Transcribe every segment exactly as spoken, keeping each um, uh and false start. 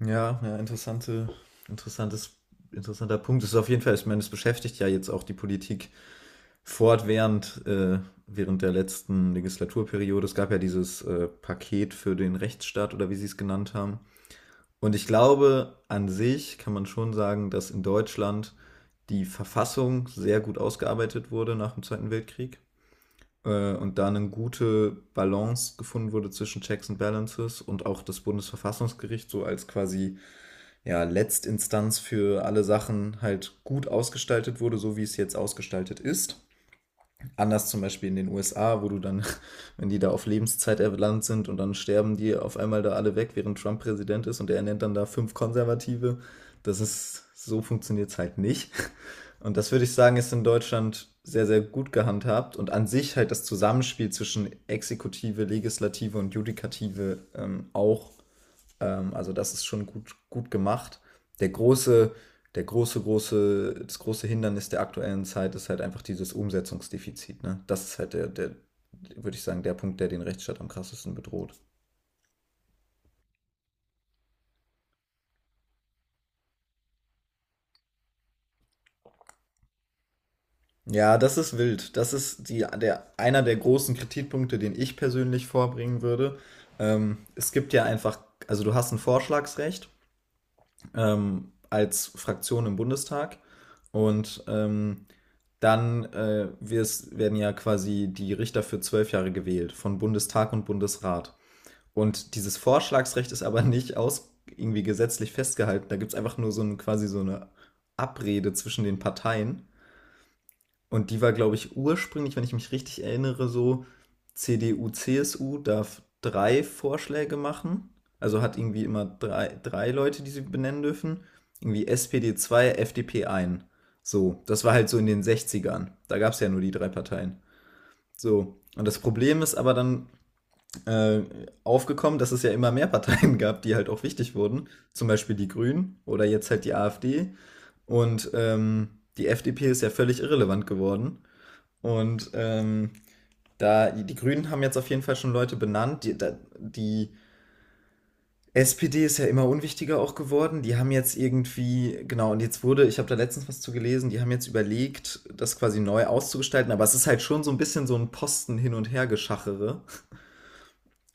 Ja, ja, interessante, interessantes, interessanter Punkt. Es ist auf jeden Fall, ich meine, es beschäftigt ja jetzt auch die Politik fortwährend äh, während der letzten Legislaturperiode. Es gab ja dieses äh, Paket für den Rechtsstaat oder wie sie es genannt haben. Und ich glaube, an sich kann man schon sagen, dass in Deutschland die Verfassung sehr gut ausgearbeitet wurde nach dem Zweiten Weltkrieg äh, und da eine gute Balance gefunden wurde zwischen Checks and Balances, und auch das Bundesverfassungsgericht so als quasi, ja, Letztinstanz für alle Sachen halt gut ausgestaltet wurde, so wie es jetzt ausgestaltet ist. Anders zum Beispiel in den U S A, wo du dann, wenn die da auf Lebenszeit erlangt sind und dann sterben die auf einmal da alle weg, während Trump Präsident ist und er nennt dann da fünf Konservative. Das ist, so funktioniert es halt nicht. Und das würde ich sagen, ist in Deutschland sehr, sehr gut gehandhabt, und an sich halt das Zusammenspiel zwischen Exekutive, Legislative und Judikative ähm, auch ähm, also das ist schon gut, gut gemacht. Der große, der große, große, das große Hindernis der aktuellen Zeit ist halt einfach dieses Umsetzungsdefizit. Ne? Das ist halt der, der, würde ich sagen, der Punkt, der den Rechtsstaat am krassesten bedroht. Ja, das ist wild. Das ist die, der, einer der großen Kritikpunkte, den ich persönlich vorbringen würde. Ähm, es gibt ja einfach, also du hast ein Vorschlagsrecht ähm, als Fraktion im Bundestag, und ähm, dann äh, wir's, werden ja quasi die Richter für zwölf Jahre gewählt von Bundestag und Bundesrat. Und dieses Vorschlagsrecht ist aber nicht aus irgendwie gesetzlich festgehalten. Da gibt es einfach nur so ein, quasi so eine Abrede zwischen den Parteien. Und die war, glaube ich, ursprünglich, wenn ich mich richtig erinnere, so: C D U, C S U darf drei Vorschläge machen. Also hat irgendwie immer drei, drei Leute, die sie benennen dürfen. Irgendwie S P D zwei, F D P eins. So, das war halt so in den sechzigern. Da gab es ja nur die drei Parteien. So, und das Problem ist aber dann äh, aufgekommen, dass es ja immer mehr Parteien gab, die halt auch wichtig wurden. Zum Beispiel die Grünen oder jetzt halt die A F De. Und ähm, die F D P ist ja völlig irrelevant geworden. Und ähm, da, die Grünen haben jetzt auf jeden Fall schon Leute benannt. Die, da, die S P D ist ja immer unwichtiger auch geworden. Die haben jetzt irgendwie, genau, und jetzt wurde, ich habe da letztens was zu gelesen, die haben jetzt überlegt, das quasi neu auszugestalten, aber es ist halt schon so ein bisschen so ein Posten hin und her geschachere.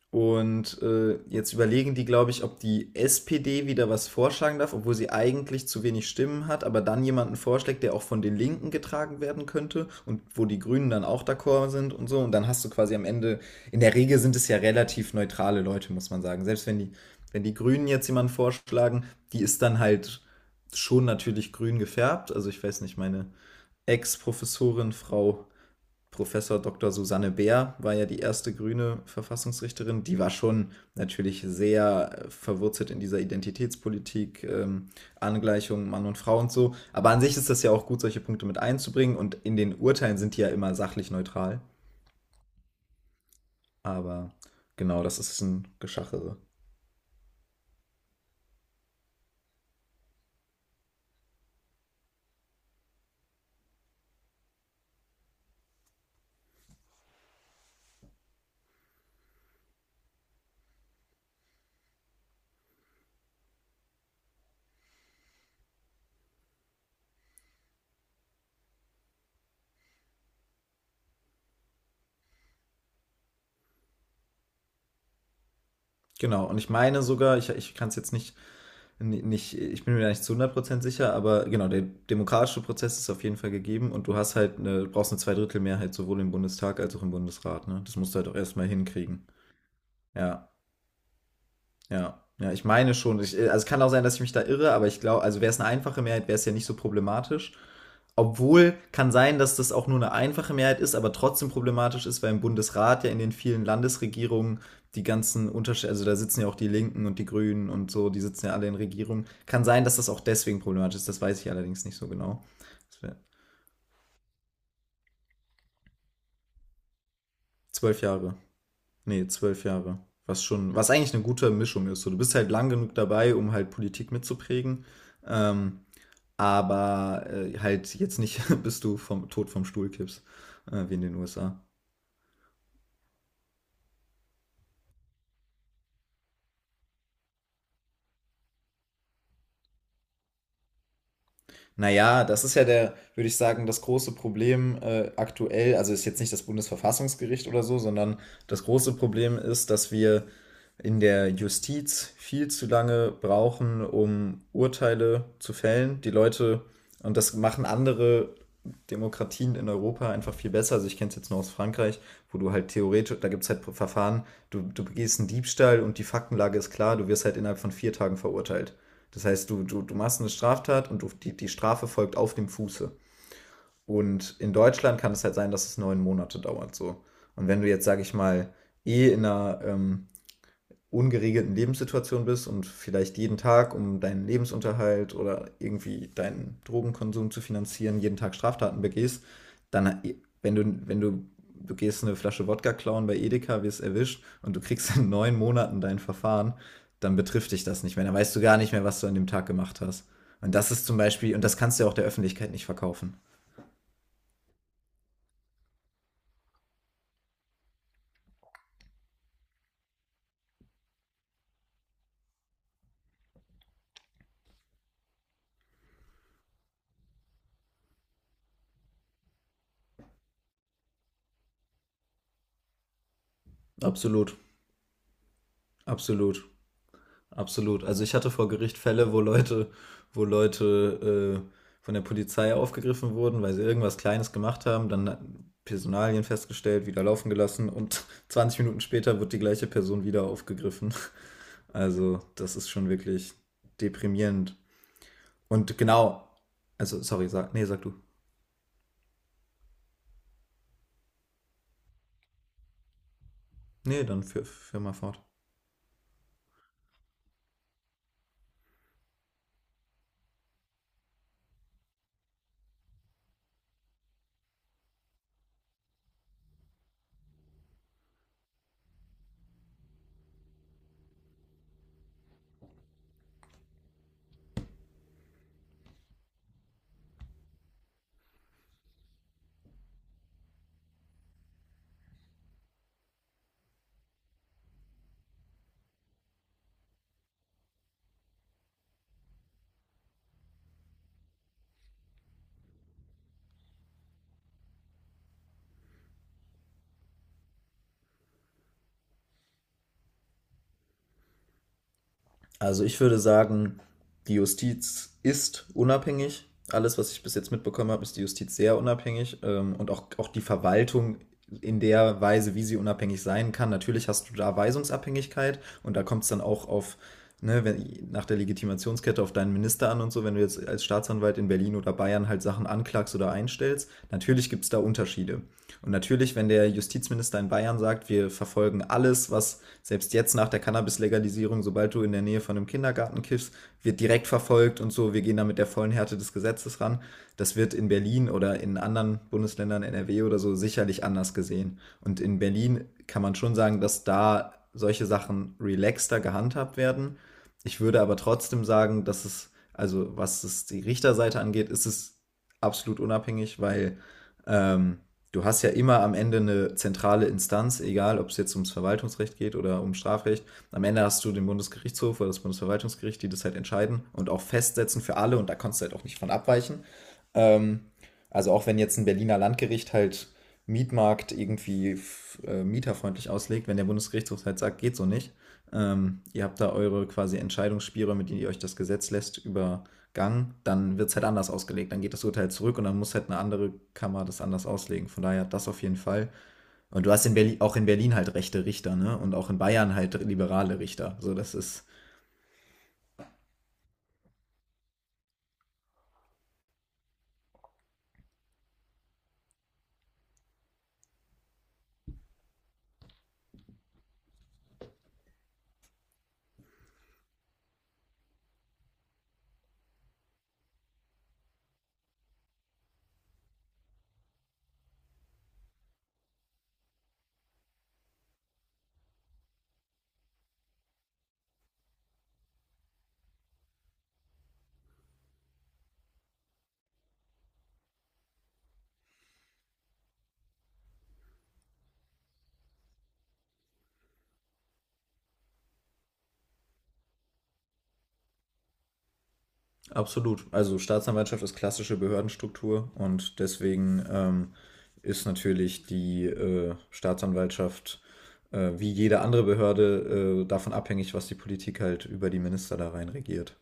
Und äh, jetzt überlegen die, glaube ich, ob die S P D wieder was vorschlagen darf, obwohl sie eigentlich zu wenig Stimmen hat, aber dann jemanden vorschlägt, der auch von den Linken getragen werden könnte und wo die Grünen dann auch d'accord sind und so. Und dann hast du quasi am Ende, in der Regel sind es ja relativ neutrale Leute, muss man sagen. Selbst wenn die, wenn die Grünen jetzt jemanden vorschlagen, die ist dann halt schon natürlich grün gefärbt. Also ich weiß nicht, meine Ex-Professorin Frau Professor Doktor Susanne Bär war ja die erste grüne Verfassungsrichterin. Die war schon natürlich sehr äh, verwurzelt in dieser Identitätspolitik, ähm, Angleichung Mann und Frau und so. Aber an sich ist das ja auch gut, solche Punkte mit einzubringen. Und in den Urteilen sind die ja immer sachlich neutral. Aber genau, das ist ein Geschachere. Genau, und ich meine sogar, ich, ich kann es jetzt nicht nicht, ich bin mir nicht zu hundert Prozent sicher, aber genau, der demokratische Prozess ist auf jeden Fall gegeben, und du hast halt eine, brauchst eine Zweidrittelmehrheit sowohl im Bundestag als auch im Bundesrat. Ne? Das musst du halt auch erstmal hinkriegen. Ja, ja, ja, ich meine schon. Ich, also es kann auch sein, dass ich mich da irre, aber ich glaube, also wäre es eine einfache Mehrheit, wäre es ja nicht so problematisch. Obwohl, kann sein, dass das auch nur eine einfache Mehrheit ist, aber trotzdem problematisch ist, weil im Bundesrat ja in den vielen Landesregierungen die ganzen Unterschiede, also da sitzen ja auch die Linken und die Grünen und so, die sitzen ja alle in Regierungen. Kann sein, dass das auch deswegen problematisch ist, das weiß ich allerdings nicht so genau. Das wär Zwölf Jahre. Nee, zwölf Jahre. Was schon, was eigentlich eine gute Mischung ist. So, du bist halt lang genug dabei, um halt Politik mitzuprägen. Ähm, aber äh, halt jetzt nicht, bis du vom, Tod vom Stuhl kippst, äh, wie in den U S A. Naja, das ist ja der, würde ich sagen, das große Problem äh, aktuell. Also ist jetzt nicht das Bundesverfassungsgericht oder so, sondern das große Problem ist, dass wir in der Justiz viel zu lange brauchen, um Urteile zu fällen. Die Leute, und das machen andere Demokratien in Europa einfach viel besser. Also ich kenne es jetzt nur aus Frankreich, wo du halt theoretisch, da gibt es halt Verfahren, du, du begehst einen Diebstahl und die Faktenlage ist klar, du wirst halt innerhalb von vier Tagen verurteilt. Das heißt, du, du, du machst eine Straftat und du, die, die Strafe folgt auf dem Fuße. Und in Deutschland kann es halt sein, dass es neun Monate dauert so. Und wenn du jetzt, sag ich mal, eh in einer ähm, ungeregelten Lebenssituation bist und vielleicht jeden Tag, um deinen Lebensunterhalt oder irgendwie deinen Drogenkonsum zu finanzieren, jeden Tag Straftaten begehst, dann, wenn du, wenn du, du gehst eine Flasche Wodka klauen bei Edeka, wirst erwischt und du kriegst in neun Monaten dein Verfahren, dann betrifft dich das nicht mehr. Dann weißt du gar nicht mehr, was du an dem Tag gemacht hast. Und das ist zum Beispiel, und das kannst du ja auch der Öffentlichkeit nicht verkaufen. Absolut, absolut. Absolut. Also ich hatte vor Gericht Fälle, wo Leute, wo Leute äh, von der Polizei aufgegriffen wurden, weil sie irgendwas Kleines gemacht haben, dann Personalien festgestellt, wieder laufen gelassen und zwanzig Minuten später wird die gleiche Person wieder aufgegriffen. Also das ist schon wirklich deprimierend. Und genau, also sorry, sag, nee, sag du. Nee, dann führ, führ mal fort. Also ich würde sagen, die Justiz ist unabhängig. Alles, was ich bis jetzt mitbekommen habe, ist die Justiz sehr unabhängig, ähm, und auch, auch die Verwaltung in der Weise, wie sie unabhängig sein kann. Natürlich hast du da Weisungsabhängigkeit und da kommt es dann auch auf, ne, wenn, nach der Legitimationskette auf deinen Minister an und so, wenn du jetzt als Staatsanwalt in Berlin oder Bayern halt Sachen anklagst oder einstellst. Natürlich gibt es da Unterschiede. Und natürlich, wenn der Justizminister in Bayern sagt, wir verfolgen alles, was, selbst jetzt nach der Cannabis-Legalisierung, sobald du in der Nähe von einem Kindergarten kiffst, wird direkt verfolgt und so. Wir gehen da mit der vollen Härte des Gesetzes ran. Das wird in Berlin oder in anderen Bundesländern, N R W oder so, sicherlich anders gesehen. Und in Berlin kann man schon sagen, dass da solche Sachen relaxter gehandhabt werden. Ich würde aber trotzdem sagen, dass es, also was es die Richterseite angeht, ist es absolut unabhängig, weil ähm, du hast ja immer am Ende eine zentrale Instanz, egal ob es jetzt ums Verwaltungsrecht geht oder um Strafrecht. Am Ende hast du den Bundesgerichtshof oder das Bundesverwaltungsgericht, die das halt entscheiden und auch festsetzen für alle und da kannst du halt auch nicht von abweichen. Ähm, also auch wenn jetzt ein Berliner Landgericht halt Mietmarkt irgendwie f- äh, mieterfreundlich auslegt, wenn der Bundesgerichtshof halt sagt, geht so nicht. Ähm, ihr habt da eure quasi Entscheidungsspielräume, mit denen ihr euch das Gesetz lässt, übergangen, dann wird es halt anders ausgelegt. Dann geht das Urteil zurück und dann muss halt eine andere Kammer das anders auslegen. Von daher, das auf jeden Fall. Und du hast in Berlin, auch in Berlin halt rechte Richter, ne? Und auch in Bayern halt liberale Richter. So, das ist Absolut. Also Staatsanwaltschaft ist klassische Behördenstruktur und deswegen ähm, ist natürlich die äh, Staatsanwaltschaft äh, wie jede andere Behörde äh, davon abhängig, was die Politik halt über die Minister da rein regiert.